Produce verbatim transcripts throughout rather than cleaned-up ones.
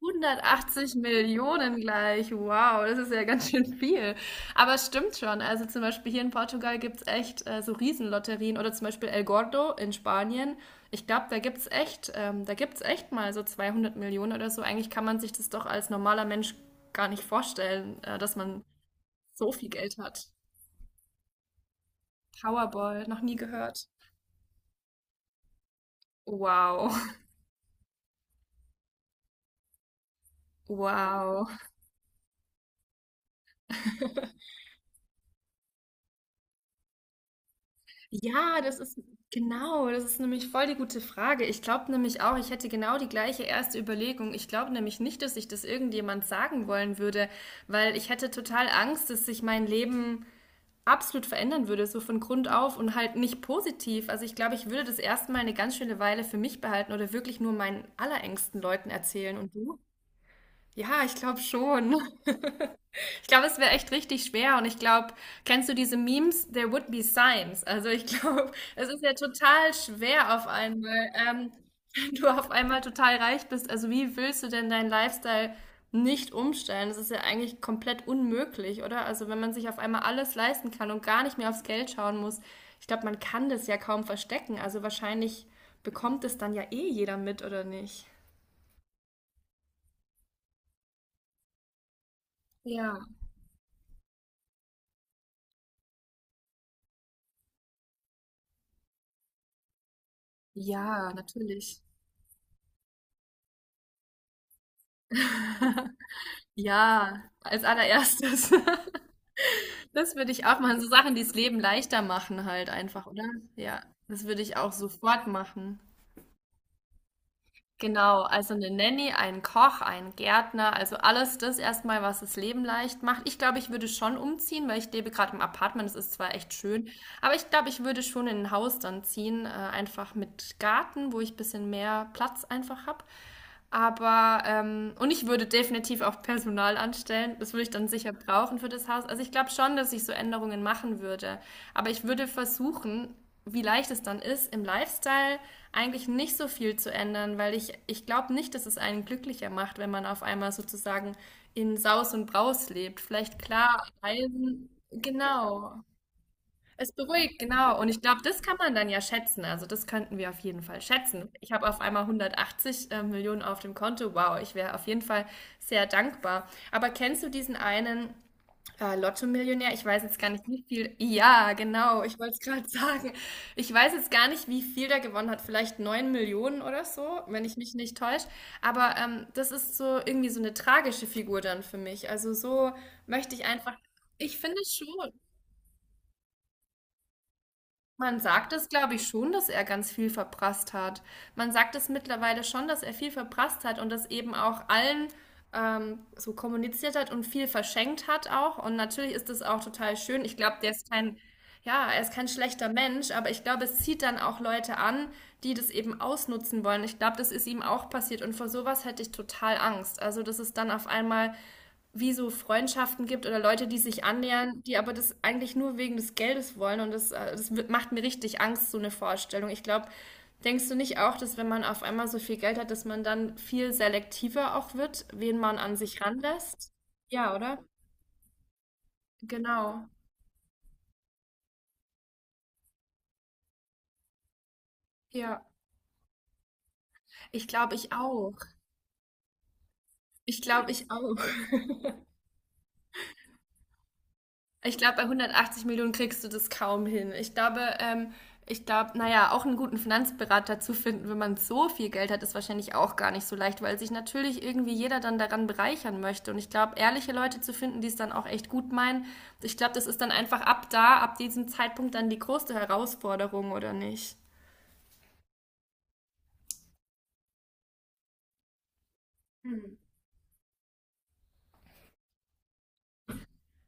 hundertachtzig Millionen gleich. Wow, das ist ja ganz schön viel. Aber es stimmt schon. Also zum Beispiel hier in Portugal gibt es echt äh, so Riesenlotterien oder zum Beispiel El Gordo in Spanien. Ich glaube, da gibt es echt, ähm, da gibt's echt mal so zweihundert Millionen oder so. Eigentlich kann man sich das doch als normaler Mensch gar nicht vorstellen, äh, dass man so viel Geld hat. Powerball, noch nie gehört. Wow, wow. Ja, das ist genau, das ist nämlich voll die gute Frage. Ich glaube nämlich auch, ich hätte genau die gleiche erste Überlegung. Ich glaube nämlich nicht, dass ich das irgendjemand sagen wollen würde, weil ich hätte total Angst, dass sich mein Leben absolut verändern würde, so von Grund auf und halt nicht positiv. Also ich glaube, ich würde das erstmal eine ganz schöne Weile für mich behalten oder wirklich nur meinen allerengsten Leuten erzählen. Und du? Ja, ich glaube schon. Ich glaube, es wäre echt richtig schwer und ich glaube, kennst du diese Memes? There would be signs. Also ich glaube, es ist ja total schwer auf einmal, ähm, wenn du auf einmal total reich bist. Also wie willst du denn deinen Lifestyle nicht umstellen? Das ist ja eigentlich komplett unmöglich, oder? Also wenn man sich auf einmal alles leisten kann und gar nicht mehr aufs Geld schauen muss, ich glaube, man kann das ja kaum verstecken. Also wahrscheinlich bekommt es dann ja eh jeder mit, oder nicht? Ja, ja, natürlich. Ja, als allererstes. Das würde ich auch machen. So Sachen, die das Leben leichter machen halt einfach, oder? Ja, das würde ich auch sofort machen. Genau, also eine Nanny, ein Koch, ein Gärtner, also alles das erstmal, was das Leben leicht macht. Ich glaube, ich würde schon umziehen, weil ich lebe gerade im Apartment, das ist zwar echt schön, aber ich glaube, ich würde schon in ein Haus dann ziehen, äh, einfach mit Garten, wo ich ein bisschen mehr Platz einfach habe. Aber, ähm, und ich würde definitiv auch Personal anstellen. Das würde ich dann sicher brauchen für das Haus. Also ich glaube schon, dass ich so Änderungen machen würde. Aber ich würde versuchen, wie leicht es dann ist, im Lifestyle eigentlich nicht so viel zu ändern, weil ich, ich glaube nicht, dass es einen glücklicher macht, wenn man auf einmal sozusagen in Saus und Braus lebt. Vielleicht klar, Reisen, genau. Es beruhigt, genau. Und ich glaube, das kann man dann ja schätzen. Also das könnten wir auf jeden Fall schätzen. Ich habe auf einmal hundertachtzig äh, Millionen auf dem Konto. Wow, ich wäre auf jeden Fall sehr dankbar. Aber kennst du diesen einen äh, Lotto-Millionär? Ich weiß jetzt gar nicht, wie viel. Ja, genau. Ich wollte es gerade sagen. Ich weiß jetzt gar nicht, wie viel der gewonnen hat. Vielleicht neun Millionen oder so, wenn ich mich nicht täusche. Aber ähm, das ist so irgendwie so eine tragische Figur dann für mich. Also so möchte ich einfach. Ich finde schon. Man sagt es, glaube ich, schon, dass er ganz viel verprasst hat. Man sagt es mittlerweile schon, dass er viel verprasst hat und das eben auch allen ähm, so kommuniziert hat und viel verschenkt hat auch. Und natürlich ist das auch total schön. Ich glaube, der ist kein, Ja, er ist kein schlechter Mensch, aber ich glaube, es zieht dann auch Leute an, die das eben ausnutzen wollen. Ich glaube, das ist ihm auch passiert und vor sowas hätte ich total Angst. Also, das ist dann auf einmal wie so Freundschaften gibt oder Leute, die sich annähern, die aber das eigentlich nur wegen des Geldes wollen. Und das, äh, das wird- macht mir richtig Angst, so eine Vorstellung. Ich glaube, denkst du nicht auch, dass wenn man auf einmal so viel Geld hat, dass man dann viel selektiver auch wird, wen man an sich ranlässt? Ja, oder? Genau. Ja. Ich glaube, ich auch. Ich glaube, ich auch. Ich glaube, bei hundertachtzig Millionen kriegst du das kaum hin. Ich glaube, ähm, ich glaube, naja, auch einen guten Finanzberater zu finden, wenn man so viel Geld hat, ist wahrscheinlich auch gar nicht so leicht, weil sich natürlich irgendwie jeder dann daran bereichern möchte. Und ich glaube, ehrliche Leute zu finden, die es dann auch echt gut meinen, ich glaube, das ist dann einfach ab da, ab diesem Zeitpunkt dann die größte Herausforderung, oder nicht? Hm.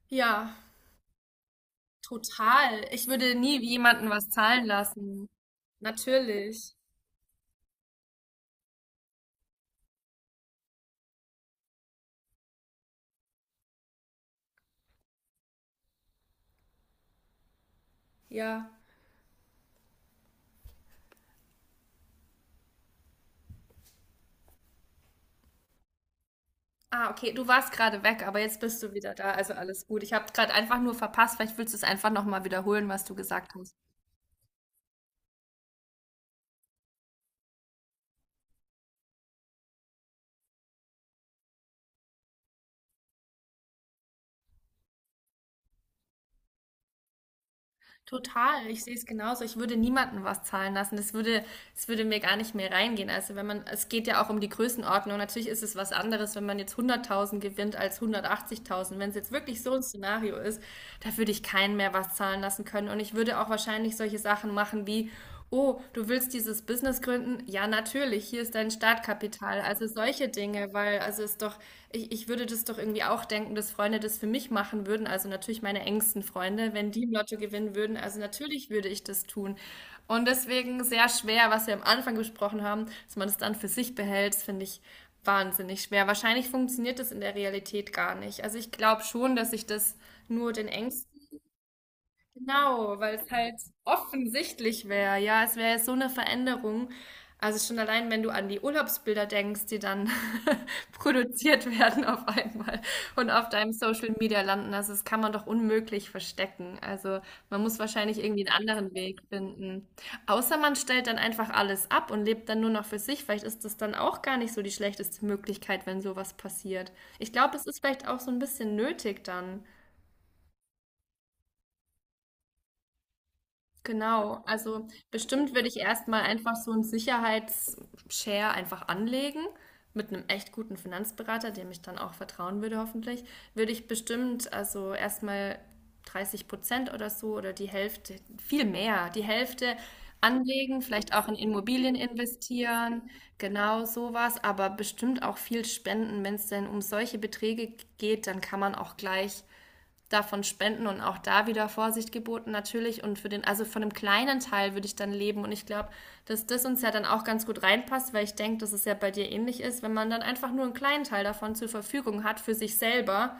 Ja, total. Ich würde nie jemanden was zahlen lassen. Natürlich. Ja. Ah, okay, du warst gerade weg, aber jetzt bist du wieder da, also alles gut. Ich habe gerade einfach nur verpasst, vielleicht willst du es einfach nochmal wiederholen, was du gesagt hast. Total, ich sehe es genauso. Ich würde niemandem was zahlen lassen. Das würde, das würde mir gar nicht mehr reingehen. Also wenn man, es geht ja auch um die Größenordnung. Natürlich ist es was anderes, wenn man jetzt hunderttausend gewinnt als hundertachtzigtausend. Wenn es jetzt wirklich so ein Szenario ist, da würde ich keinen mehr was zahlen lassen können. Und ich würde auch wahrscheinlich solche Sachen machen wie: oh, du willst dieses Business gründen? Ja, natürlich, hier ist dein Startkapital. Also solche Dinge, weil also ist doch, ich, ich würde das doch irgendwie auch denken, dass Freunde das für mich machen würden, also natürlich meine engsten Freunde, wenn die im Lotto gewinnen würden, also natürlich würde ich das tun. Und deswegen sehr schwer, was wir am Anfang besprochen haben, dass man das dann für sich behält, das finde ich wahnsinnig schwer. Wahrscheinlich funktioniert das in der Realität gar nicht. Also ich glaube schon, dass ich das nur den engsten. Genau, weil es halt offensichtlich wäre. Ja, es wäre so eine Veränderung. Also schon allein, wenn du an die Urlaubsbilder denkst, die dann produziert werden auf einmal und auf deinem Social Media landen. Also das kann man doch unmöglich verstecken. Also man muss wahrscheinlich irgendwie einen anderen Weg finden. Außer man stellt dann einfach alles ab und lebt dann nur noch für sich. Vielleicht ist das dann auch gar nicht so die schlechteste Möglichkeit, wenn sowas passiert. Ich glaube, es ist vielleicht auch so ein bisschen nötig dann. Genau, also bestimmt würde ich erstmal einfach so einen Sicherheitsshare einfach anlegen mit einem echt guten Finanzberater, dem ich dann auch vertrauen würde, hoffentlich. Würde ich bestimmt also erstmal dreißig Prozent oder so oder die Hälfte, viel mehr, die Hälfte anlegen, vielleicht auch in Immobilien investieren, genau sowas, aber bestimmt auch viel spenden. Wenn es denn um solche Beträge geht, dann kann man auch gleich davon spenden und auch da wieder Vorsicht geboten natürlich und für den, also von einem kleinen Teil würde ich dann leben und ich glaube, dass das uns ja dann auch ganz gut reinpasst, weil ich denke, dass es ja bei dir ähnlich ist, wenn man dann einfach nur einen kleinen Teil davon zur Verfügung hat für sich selber,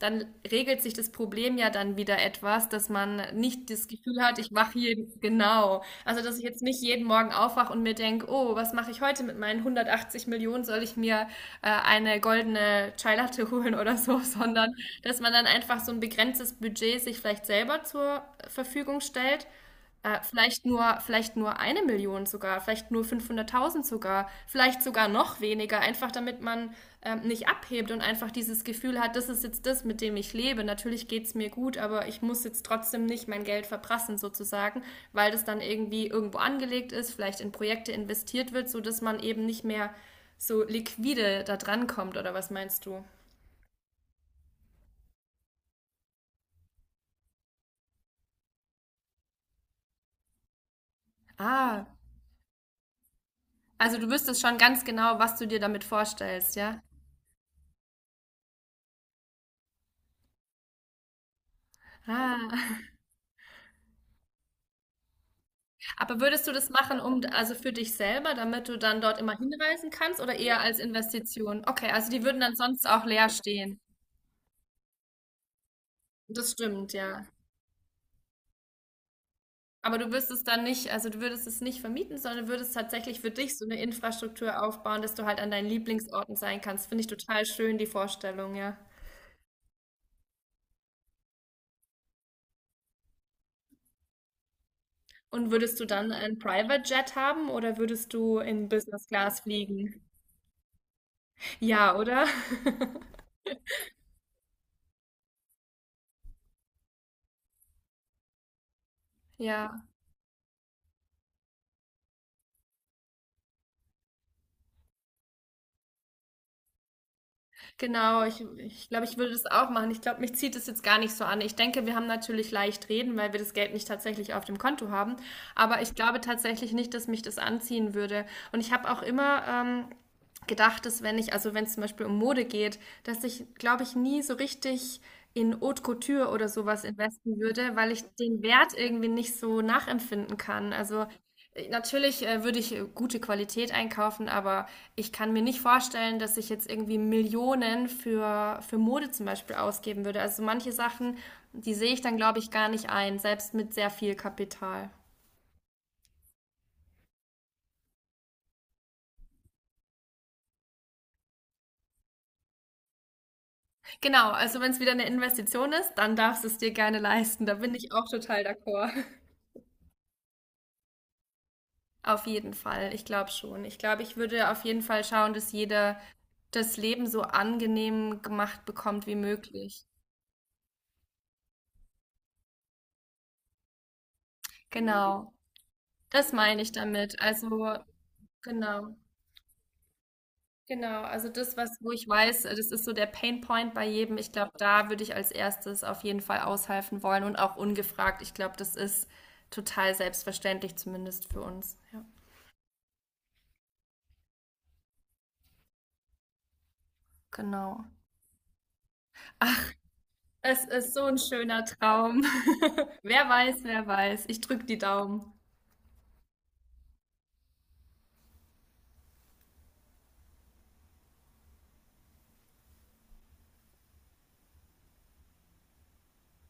dann regelt sich das Problem ja dann wieder etwas, dass man nicht das Gefühl hat, ich wache hier genau. Also, dass ich jetzt nicht jeden Morgen aufwache und mir denke, oh, was mache ich heute mit meinen hundertachtzig Millionen? Soll ich mir äh, eine goldene Chai Latte holen oder so? Sondern, dass man dann einfach so ein begrenztes Budget sich vielleicht selber zur Verfügung stellt äh, vielleicht nur, vielleicht nur eine Million sogar, vielleicht nur fünfhunderttausend sogar, vielleicht sogar noch weniger, einfach damit man ähm, nicht abhebt und einfach dieses Gefühl hat, das ist jetzt das, mit dem ich lebe. Natürlich geht's mir gut, aber ich muss jetzt trotzdem nicht mein Geld verprassen sozusagen, weil das dann irgendwie irgendwo angelegt ist, vielleicht in Projekte investiert wird, so dass man eben nicht mehr so liquide da dran kommt, oder was meinst du? Ah, also du wüsstest schon ganz genau, was du dir damit vorstellst, ja? Ah. Aber würdest du das machen, um also für dich selber, damit du dann dort immer hinreisen kannst oder eher als Investition? Okay, also die würden dann sonst auch leer stehen. Das stimmt, ja. Aber du wirst es dann nicht, also du würdest es nicht vermieten, sondern würdest tatsächlich für dich so eine Infrastruktur aufbauen, dass du halt an deinen Lieblingsorten sein kannst. Finde ich total schön, die Vorstellung, ja. Und würdest du dann einen Private Jet haben oder würdest du in Business Class fliegen? Ja, oder? Ja, genau, ich, ich glaube, ich würde das auch machen. Ich glaube, mich zieht es jetzt gar nicht so an. Ich denke, wir haben natürlich leicht reden, weil wir das Geld nicht tatsächlich auf dem Konto haben. Aber ich glaube tatsächlich nicht, dass mich das anziehen würde. Und ich habe auch immer ähm, gedacht, dass wenn ich, also wenn es zum Beispiel um Mode geht, dass ich, glaube ich, nie so richtig in Haute Couture oder sowas investen würde, weil ich den Wert irgendwie nicht so nachempfinden kann. Also äh, natürlich äh, würde ich äh, gute Qualität einkaufen, aber ich kann mir nicht vorstellen, dass ich jetzt irgendwie Millionen für, für Mode zum Beispiel ausgeben würde. Also manche Sachen, die sehe ich dann, glaube ich, gar nicht ein, selbst mit sehr viel Kapital. Genau, also wenn es wieder eine Investition ist, dann darfst du es dir gerne leisten. Da bin ich auch total d'accord. Auf jeden Fall, ich glaube schon. Ich glaube, ich würde auf jeden Fall schauen, dass jeder das Leben so angenehm gemacht bekommt wie möglich. Genau, das meine ich damit. Also genau, genau. Also das, was wo ich weiß, äh, das ist so der Pain Point bei jedem. Ich glaube, da würde ich als erstes auf jeden Fall aushelfen wollen und auch ungefragt. Ich glaube, das ist total selbstverständlich, zumindest für uns. Ja, genau. Es ist so ein schöner Traum. Wer weiß, wer weiß. Ich drücke die Daumen.